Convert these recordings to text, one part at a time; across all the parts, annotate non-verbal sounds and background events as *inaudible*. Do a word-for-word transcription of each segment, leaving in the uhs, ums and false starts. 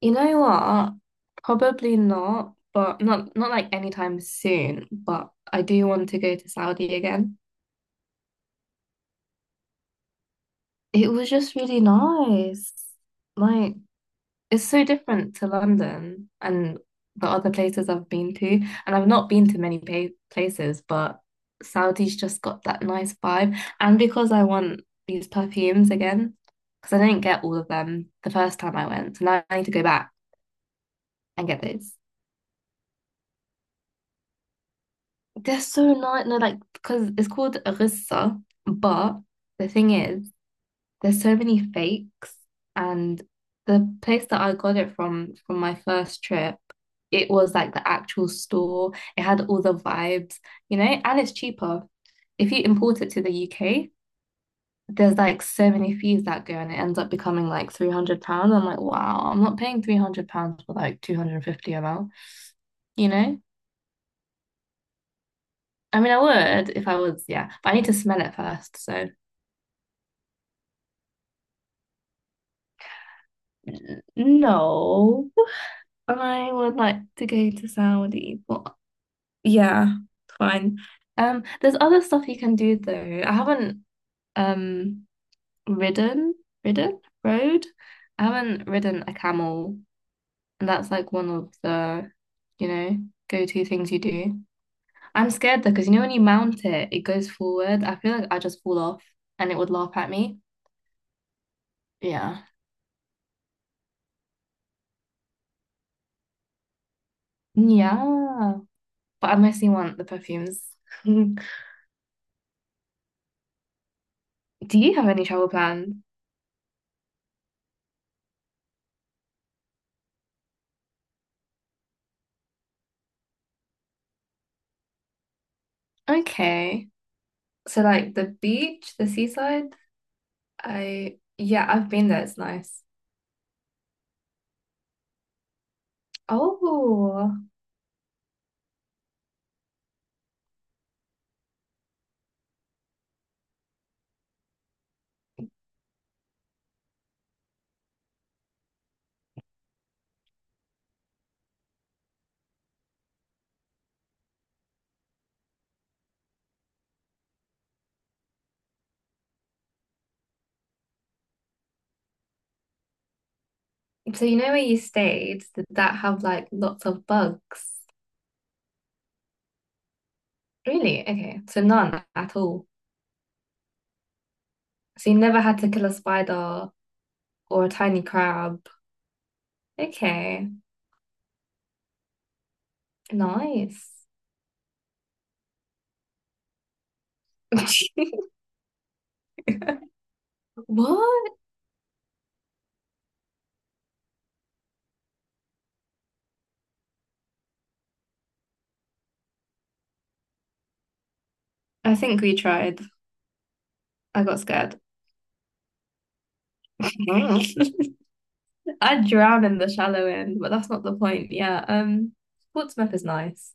You know what? Probably not, but not not like anytime soon, but I do want to go to Saudi again. It was just really nice. Like it's so different to London and the other places I've been to, and I've not been to many pa places, but Saudi's just got that nice vibe. And because I want these perfumes again, because I didn't get all of them the first time I went, so now I need to go back and get those. They're so nice. No, like, because it's called Arissa, but the thing is, there's so many fakes, and the place that I got it from from my first trip, it was like the actual store. It had all the vibes, you know, and it's cheaper. If you import it to the U K, there's like so many fees that go, and it ends up becoming like three hundred pounds. I'm like, wow, I'm not paying three hundred pounds for like two hundred fifty m l, you know? I mean, I would if I was, yeah, but I need to smell it first, so. N- No, I would like to go to Saudi, but yeah, fine. Um, there's other stuff you can do though. I haven't um ridden, ridden, rode. I haven't ridden a camel, and that's like one of the, you know, go-to things you do. I'm scared though, because you know when you mount it, it goes forward. I feel like I just fall off, and it would laugh at me. Yeah, yeah. But I mostly want the perfumes. *laughs* Do you have any travel plans? Okay. So like the beach, the seaside, I yeah, I've been there, it's nice. Oh, so you know where you stayed? Did that have like lots of bugs? Really? Okay. So none at all. So you never had to kill a spider or a tiny crab. Okay. Nice. *laughs* What? I think we tried. I got scared. *laughs* I'd drown in the shallow end, but that's not the point. Yeah. Um, Portsmouth is nice.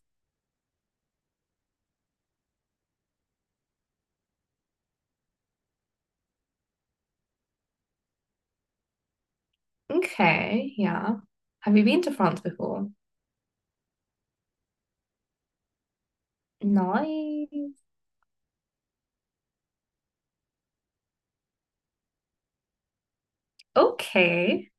Okay. Yeah. Have you been to France before? Nice. Okay.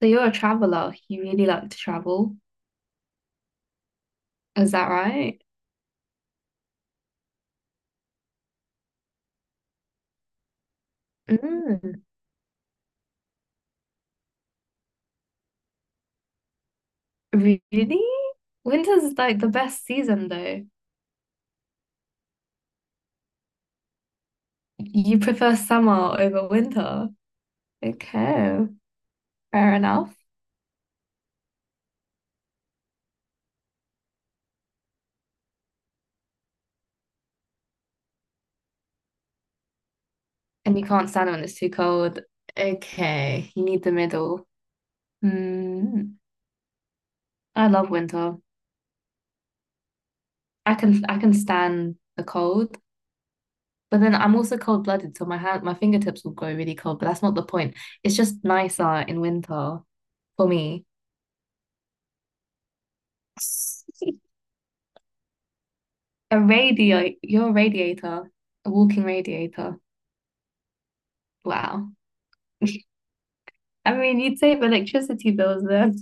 So you're a traveler. You really like to travel. Is that right? Mm. Really? Winter's like the best season, though. You prefer summer over winter. Okay. Fair enough. And you can't stand it when it's too cold. Okay. You need the middle. Mm. I love winter. I can I can stand the cold, but then I'm also cold-blooded, so my hand my fingertips will go really cold, but that's not the point. It's just nicer in winter for me. *laughs* A radiator, you're a radiator, a walking radiator. Wow. I mean, you'd save electricity bills there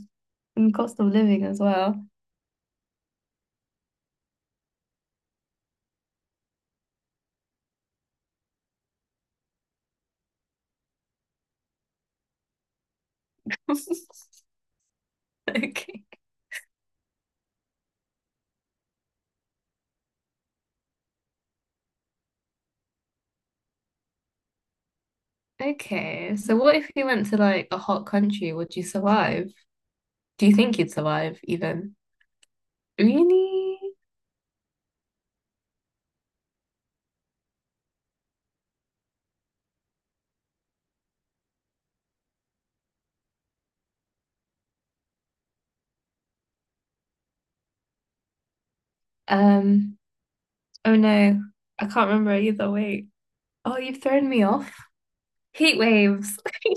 and cost of living as well. *laughs* Okay. Okay. So what if you went to like a hot country? Would you survive? Do you think you'd survive even? Really? Um, Oh no, I can't remember either. Wait. Oh, you've thrown me off. Heat waves. *laughs*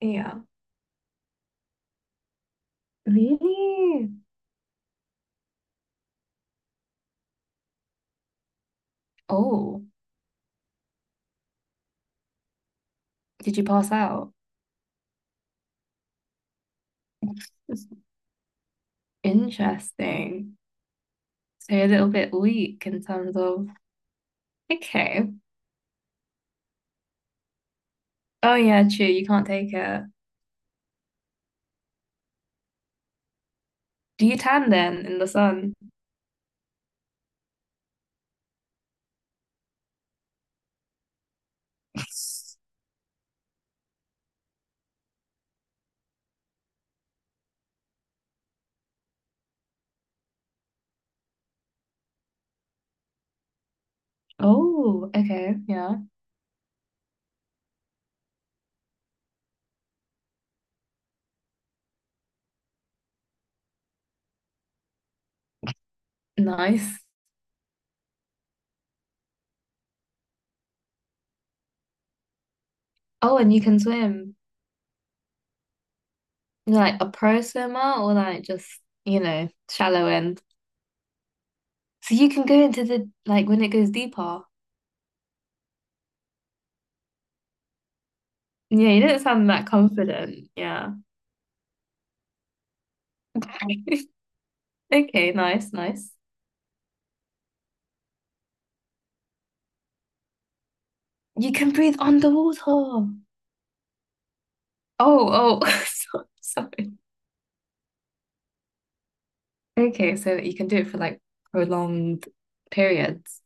Yeah. Really? Oh, did you pass out? *laughs* Interesting. So you're a little bit weak in terms of. Okay. Oh yeah, true. You can't take it. Do you tan then in the sun? *laughs* Oh, okay. Yeah. Nice. Oh, and you can swim. You're like a pro swimmer or like just, you know, shallow end? So you can go into the like when it goes deeper. Yeah, you don't sound that confident. Yeah. *laughs* Okay, nice, nice. You can breathe underwater. Oh, oh, *laughs* so- sorry. Okay, so you can do it for like prolonged periods.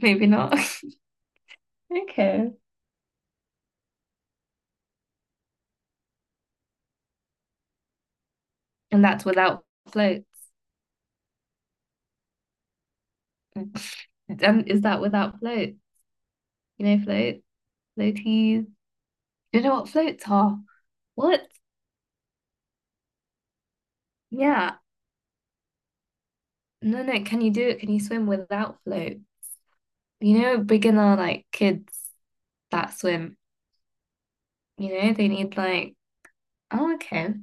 Maybe not. *laughs* Okay. And that's without floats. *laughs* And is that without float? You know, float, floaties. You know what floats are? What? Yeah. No, no. Can you do it? Can you swim without float? You know, beginner like kids that swim, you know, they need like, oh, okay,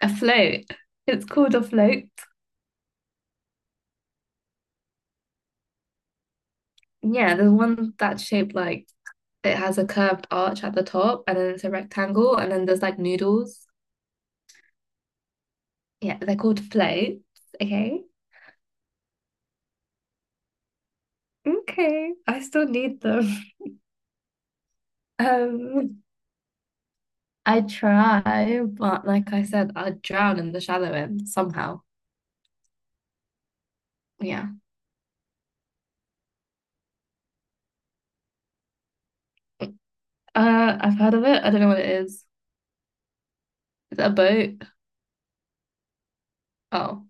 a float. It's called a float. Yeah, there's one that's shaped like it has a curved arch at the top and then it's a rectangle and then there's like noodles. Yeah, they're called floats. Okay. Okay. I still need them. *laughs* Um, I try, but like I said, I drown in the shallow end somehow. Yeah. Uh, I've heard of it. I don't know what it is. Is it a boat? Oh.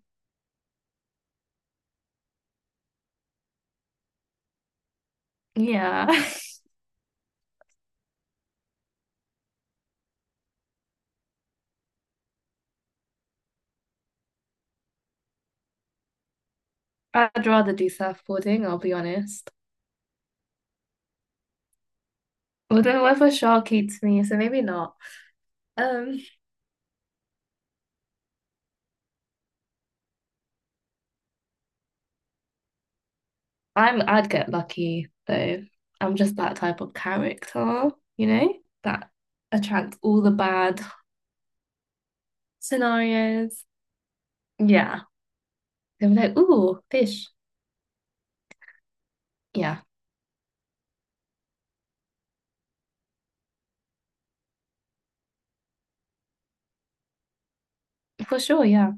Yeah, *laughs* I'd rather do surfboarding, I'll be honest. Although whether shark eats me, so maybe not. Um, I'm I'd get lucky though. I'm just that type of character, you know, that attracts all the bad scenarios. Yeah. They'll be like, ooh, fish. Yeah, for sure, yeah.